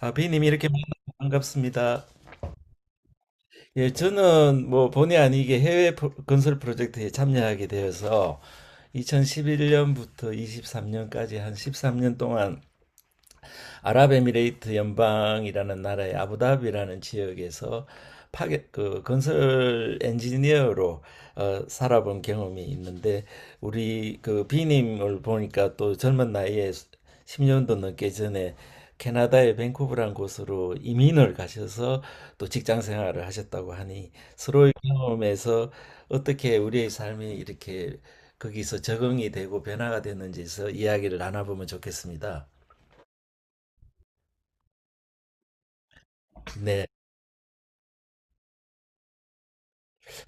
아, 비님 이렇게 만나서 반갑습니다. 예, 저는 뭐 본의 아니게 해외 건설 프로젝트에 참여하게 되어서 2011년부터 23년까지 한 13년 동안 아랍에미레이트 연방이라는 나라의 아부다비라는 지역에서 파괴, 그 건설 엔지니어로 살아본 경험이 있는데, 우리 그 비님을 보니까 또 젊은 나이에 10년도 넘게 전에 캐나다의 밴쿠버라는 곳으로 이민을 가셔서 또 직장 생활을 하셨다고 하니, 서로의 경험에서 어떻게 우리의 삶이 이렇게 거기서 적응이 되고 변화가 됐는지에서 이야기를 나눠보면 좋겠습니다. 네.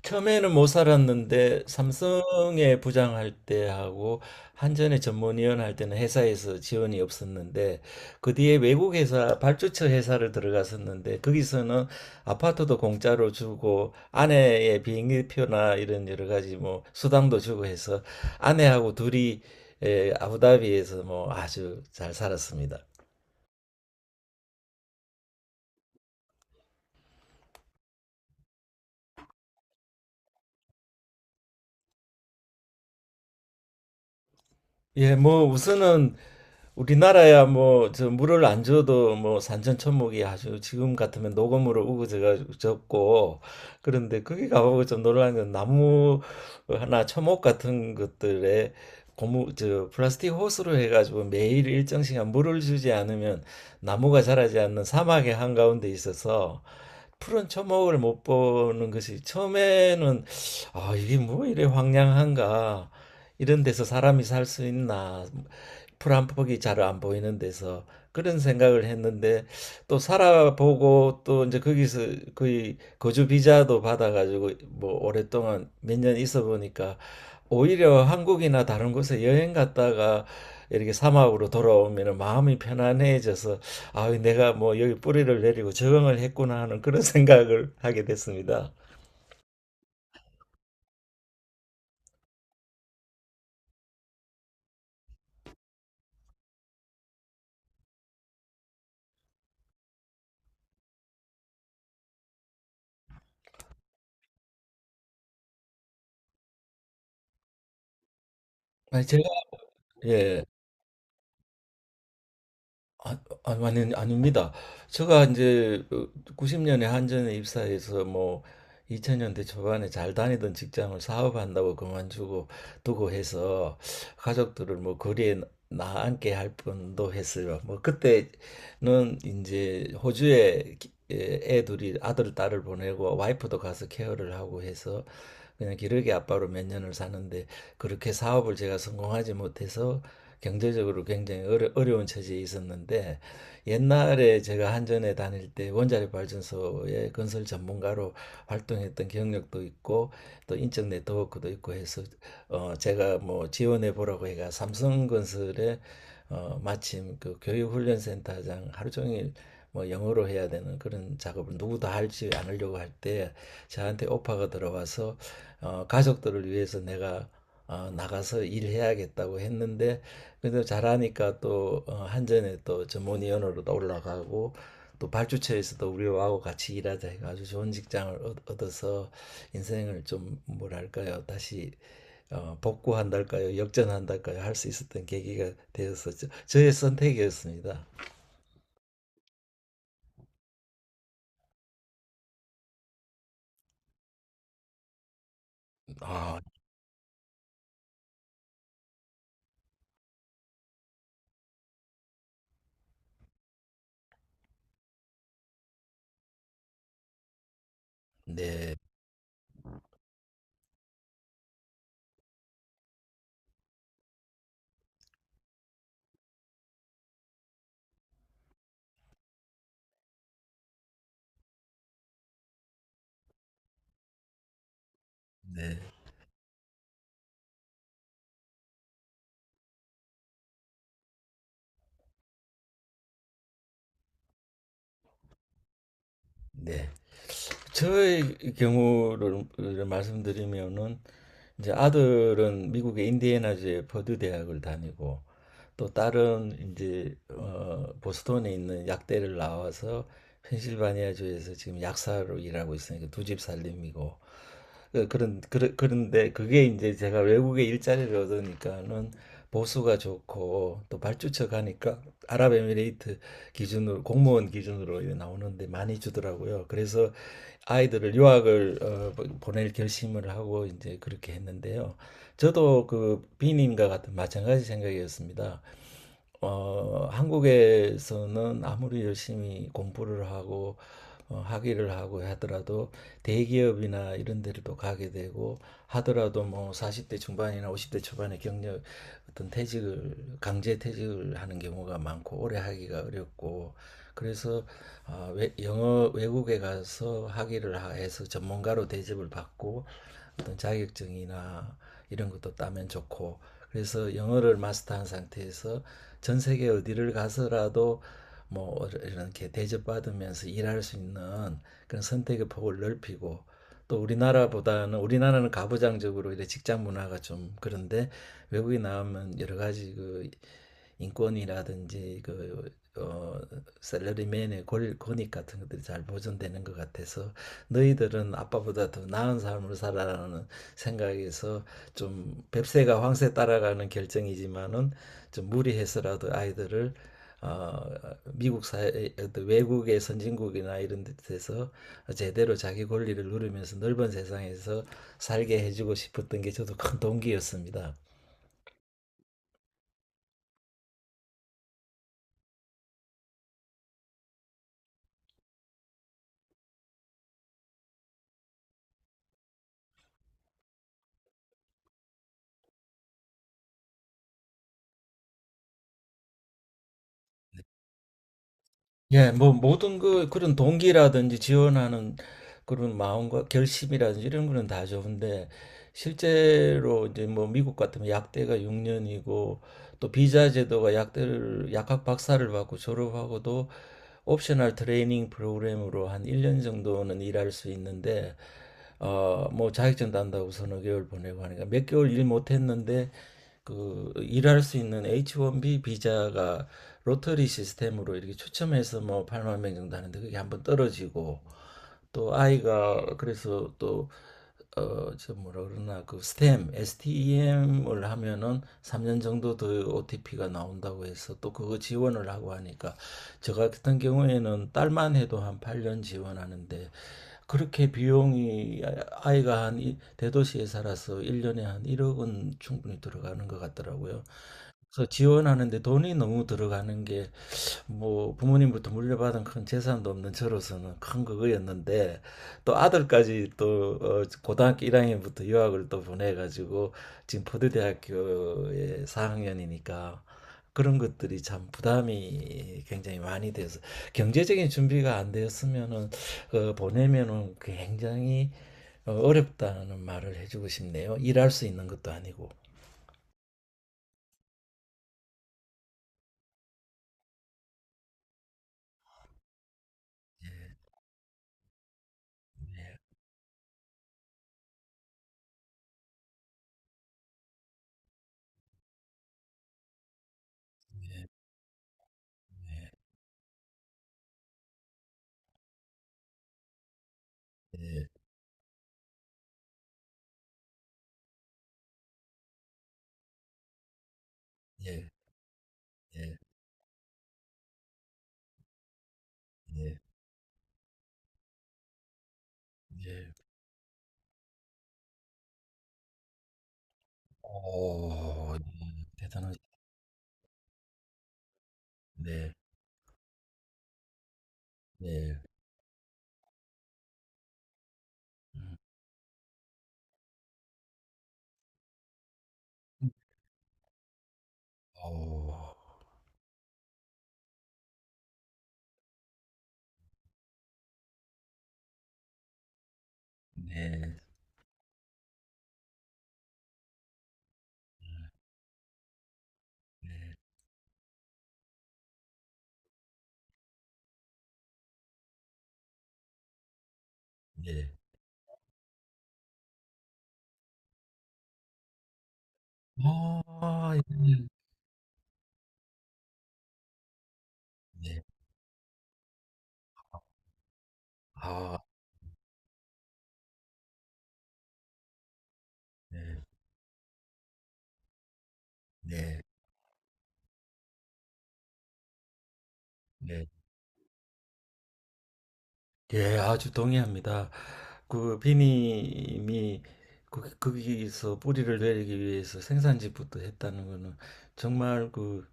처음에는 못 살았는데 삼성에 부장할 때하고 한전에 전문위원 할 때는 회사에서 지원이 없었는데, 그 뒤에 외국 회사 발주처 회사를 들어갔었는데 거기서는 아파트도 공짜로 주고 아내의 비행기표나 이런 여러 가지 뭐 수당도 주고 해서 아내하고 둘이 아부다비에서 뭐 아주 잘 살았습니다. 예, 뭐 우선은 우리나라야 뭐 저 물을 안 줘도 뭐 산천초목이 아주 지금 같으면 녹음으로 우거져가지고 졌고, 그런데 거기 가보고 좀 놀란 건 나무 하나 초목 같은 것들에 고무 저 플라스틱 호스로 해가지고 매일 일정 시간 물을 주지 않으면 나무가 자라지 않는 사막의 한가운데 있어서 푸른 초목을 못 보는 것이, 처음에는 아 이게 뭐 이래 황량한가, 이런 데서 사람이 살 수 있나, 풀 한 폭이 잘 안 보이는 데서 그런 생각을 했는데, 또 살아보고 또 이제 거기서 거의 거주 비자도 받아가지고 뭐 오랫동안 몇 년 있어 보니까, 오히려 한국이나 다른 곳에 여행 갔다가 이렇게 사막으로 돌아오면 마음이 편안해져서, 아 내가 뭐 여기 뿌리를 내리고 적응을 했구나 하는 그런 생각을 하게 됐습니다. 아니, 제가, 예. 아, 아니, 아닙니다. 제가 이제 90년에 한전에 입사해서 뭐 2000년대 초반에 잘 다니던 직장을 사업한다고 그만두고 두고 해서 가족들을 뭐 거리에 나앉게 할 뻔도 했어요. 뭐 그때는 이제 호주에 예, 애 둘이 아들 딸을 보내고 와이프도 가서 케어를 하고 해서 그냥 기러기 아빠로 몇 년을 사는데, 그렇게 사업을 제가 성공하지 못해서 경제적으로 굉장히 어려운 처지에 있었는데, 옛날에 제가 한전에 다닐 때 원자력 발전소의 건설 전문가로 활동했던 경력도 있고 또 인적 네트워크도 있고 해서 제가 뭐 지원해 보라고 해가 삼성건설에 마침 그 교육훈련센터장 하루 종일 뭐 영어로 해야 되는 그런 작업을 누구도 할지 않으려고 할 때 저한테 오파가 들어와서 가족들을 위해서 내가 나가서 일해야겠다고 했는데, 근데 잘하니까 또 한전에 또 전문위원으로 또 올라가고, 또 발주처에서도 우리하고 같이 일하자 해서 아주 좋은 직장을 얻어서 인생을 좀 뭐랄까요, 다시 복구한달까요 역전한달까요 할 수 있었던 계기가 되어서, 저의 선택이었습니다. 아, 네, 네, 네. 저의 경우를 말씀드리면은 이제 아들은 미국의 인디애나주의 퍼듀 대학을 다니고, 또 다른 이제 보스턴에 있는 약대를 나와서 펜실바니아주에서 지금 약사로 일하고 있으니까 두 집 살림이고, 그런 그런데 그게 이제 제가 외국에 일자리를 얻으니까는 보수가 좋고, 또 발주처 가니까 아랍에미레이트 기준으로, 공무원 기준으로 이제 나오는데 많이 주더라고요. 그래서 아이들을 유학을 보낼 결심을 하고 이제 그렇게 했는데요. 저도 그 비님과 같은 마찬가지 생각이었습니다. 한국에서는 아무리 열심히 공부를 하고 학위를 하고 하더라도 대기업이나 이런 데를 또 가게 되고 하더라도 뭐 40대 중반이나 50대 초반에 경력 어떤 퇴직을, 강제 퇴직을 하는 경우가 많고 오래 하기가 어렵고, 그래서 영어 외국에 가서 학위를 해서 전문가로 대접을 받고 어떤 자격증이나 이런 것도 따면 좋고, 그래서 영어를 마스터한 상태에서 전 세계 어디를 가서라도 뭐 이렇게 대접받으면서 일할 수 있는 그런 선택의 폭을 넓히고, 또 우리나라보다는, 우리나라는 가부장적으로 이래 직장 문화가 좀 그런데 외국에 나오면 여러 가지 그 인권이라든지 그 어, 셀러리맨의 익 같은 것들이 잘 보존되는 것 같아서, 너희들은 아빠보다 더 나은 삶을 살아라는 생각에서, 좀 뱁새가 황새 따라가는 결정이지만은 좀 무리해서라도 아이들을 어, 미국 사회, 외국의 선진국이나 이런 데서 제대로 자기 권리를 누리면서 넓은 세상에서 살게 해주고 싶었던 게 저도 큰 동기였습니다. 예, 뭐 모든 그 그런 동기라든지 지원하는 그런 마음과 결심이라든지 이런 거는 다 좋은데, 실제로 이제 뭐 미국 같으면 약대가 6년이고, 또 비자 제도가 약대를, 약학 박사를 받고 졸업하고도 옵셔널 트레이닝 프로그램으로 한 1년 정도는 일할 수 있는데 뭐 자격증 딴다고 서너 개월 보내고 하니까 몇 개월 일 못했는데, 그 일할 수 있는 H1B 비자가 로터리 시스템으로 이렇게 추첨해서 뭐 8만 명 정도 하는데 그게 한번 떨어지고, 또 아이가 그래서 또 저 뭐라 그러나 그 STEM을 하면은 3년 정도 더 OTP가 나온다고 해서 또 그거 지원을 하고 하니까, 저 같은 경우에는 딸만 해도 한 8년 지원하는데 그렇게 비용이, 아이가 한 대도시에 살아서 1년에 한 1억은 충분히 들어가는 것 같더라고요. 그래서 지원하는데 돈이 너무 들어가는 게 뭐 부모님부터 물려받은 큰 재산도 없는 저로서는 큰 그거였는데, 또 아들까지 또 고등학교 1학년부터 유학을 또 보내가지고 지금 포드대학교에 4학년이니까 그런 것들이 참 부담이 굉장히 많이 돼서, 경제적인 준비가 안 되었으면은 보내면은 굉장히 어렵다는 말을 해주고 싶네요. 일할 수 있는 것도 아니고. 예, 예, 예. 네. 네. 네. 어. 네. 대단하시 네. 네. 음. 음. 어. 네. 네. 네. 아. 네. 네. 아. 네. 네. 네. 예, 아주 동의합니다. 그 비님이 거기서 뿌리를 내리기 위해서 생산직부터 했다는 거는 정말 그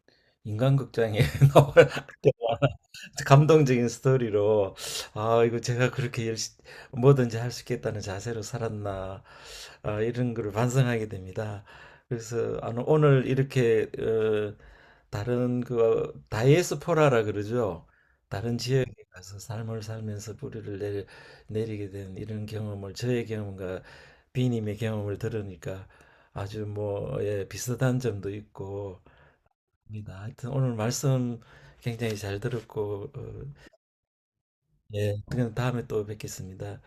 인간극장에 나와 감동적인 스토리로, 아 이거 제가 그렇게 열심 뭐든지 할 수 있겠다는 자세로 살았나, 아, 이런 거를 반성하게 됩니다. 그래서 아, 오늘 이렇게 다른 그 다이에스포라라 그러죠. 다른 지역, 그래서 삶을 살면서 내리게 된 이런 경험을, 저의 경험과 비님의 경험을 들으니까 아주 뭐 예, 비슷한 점도 있고 합니다. 하여튼 오늘 말씀 굉장히 잘 들었고 예, 그럼 다음에 또 뵙겠습니다.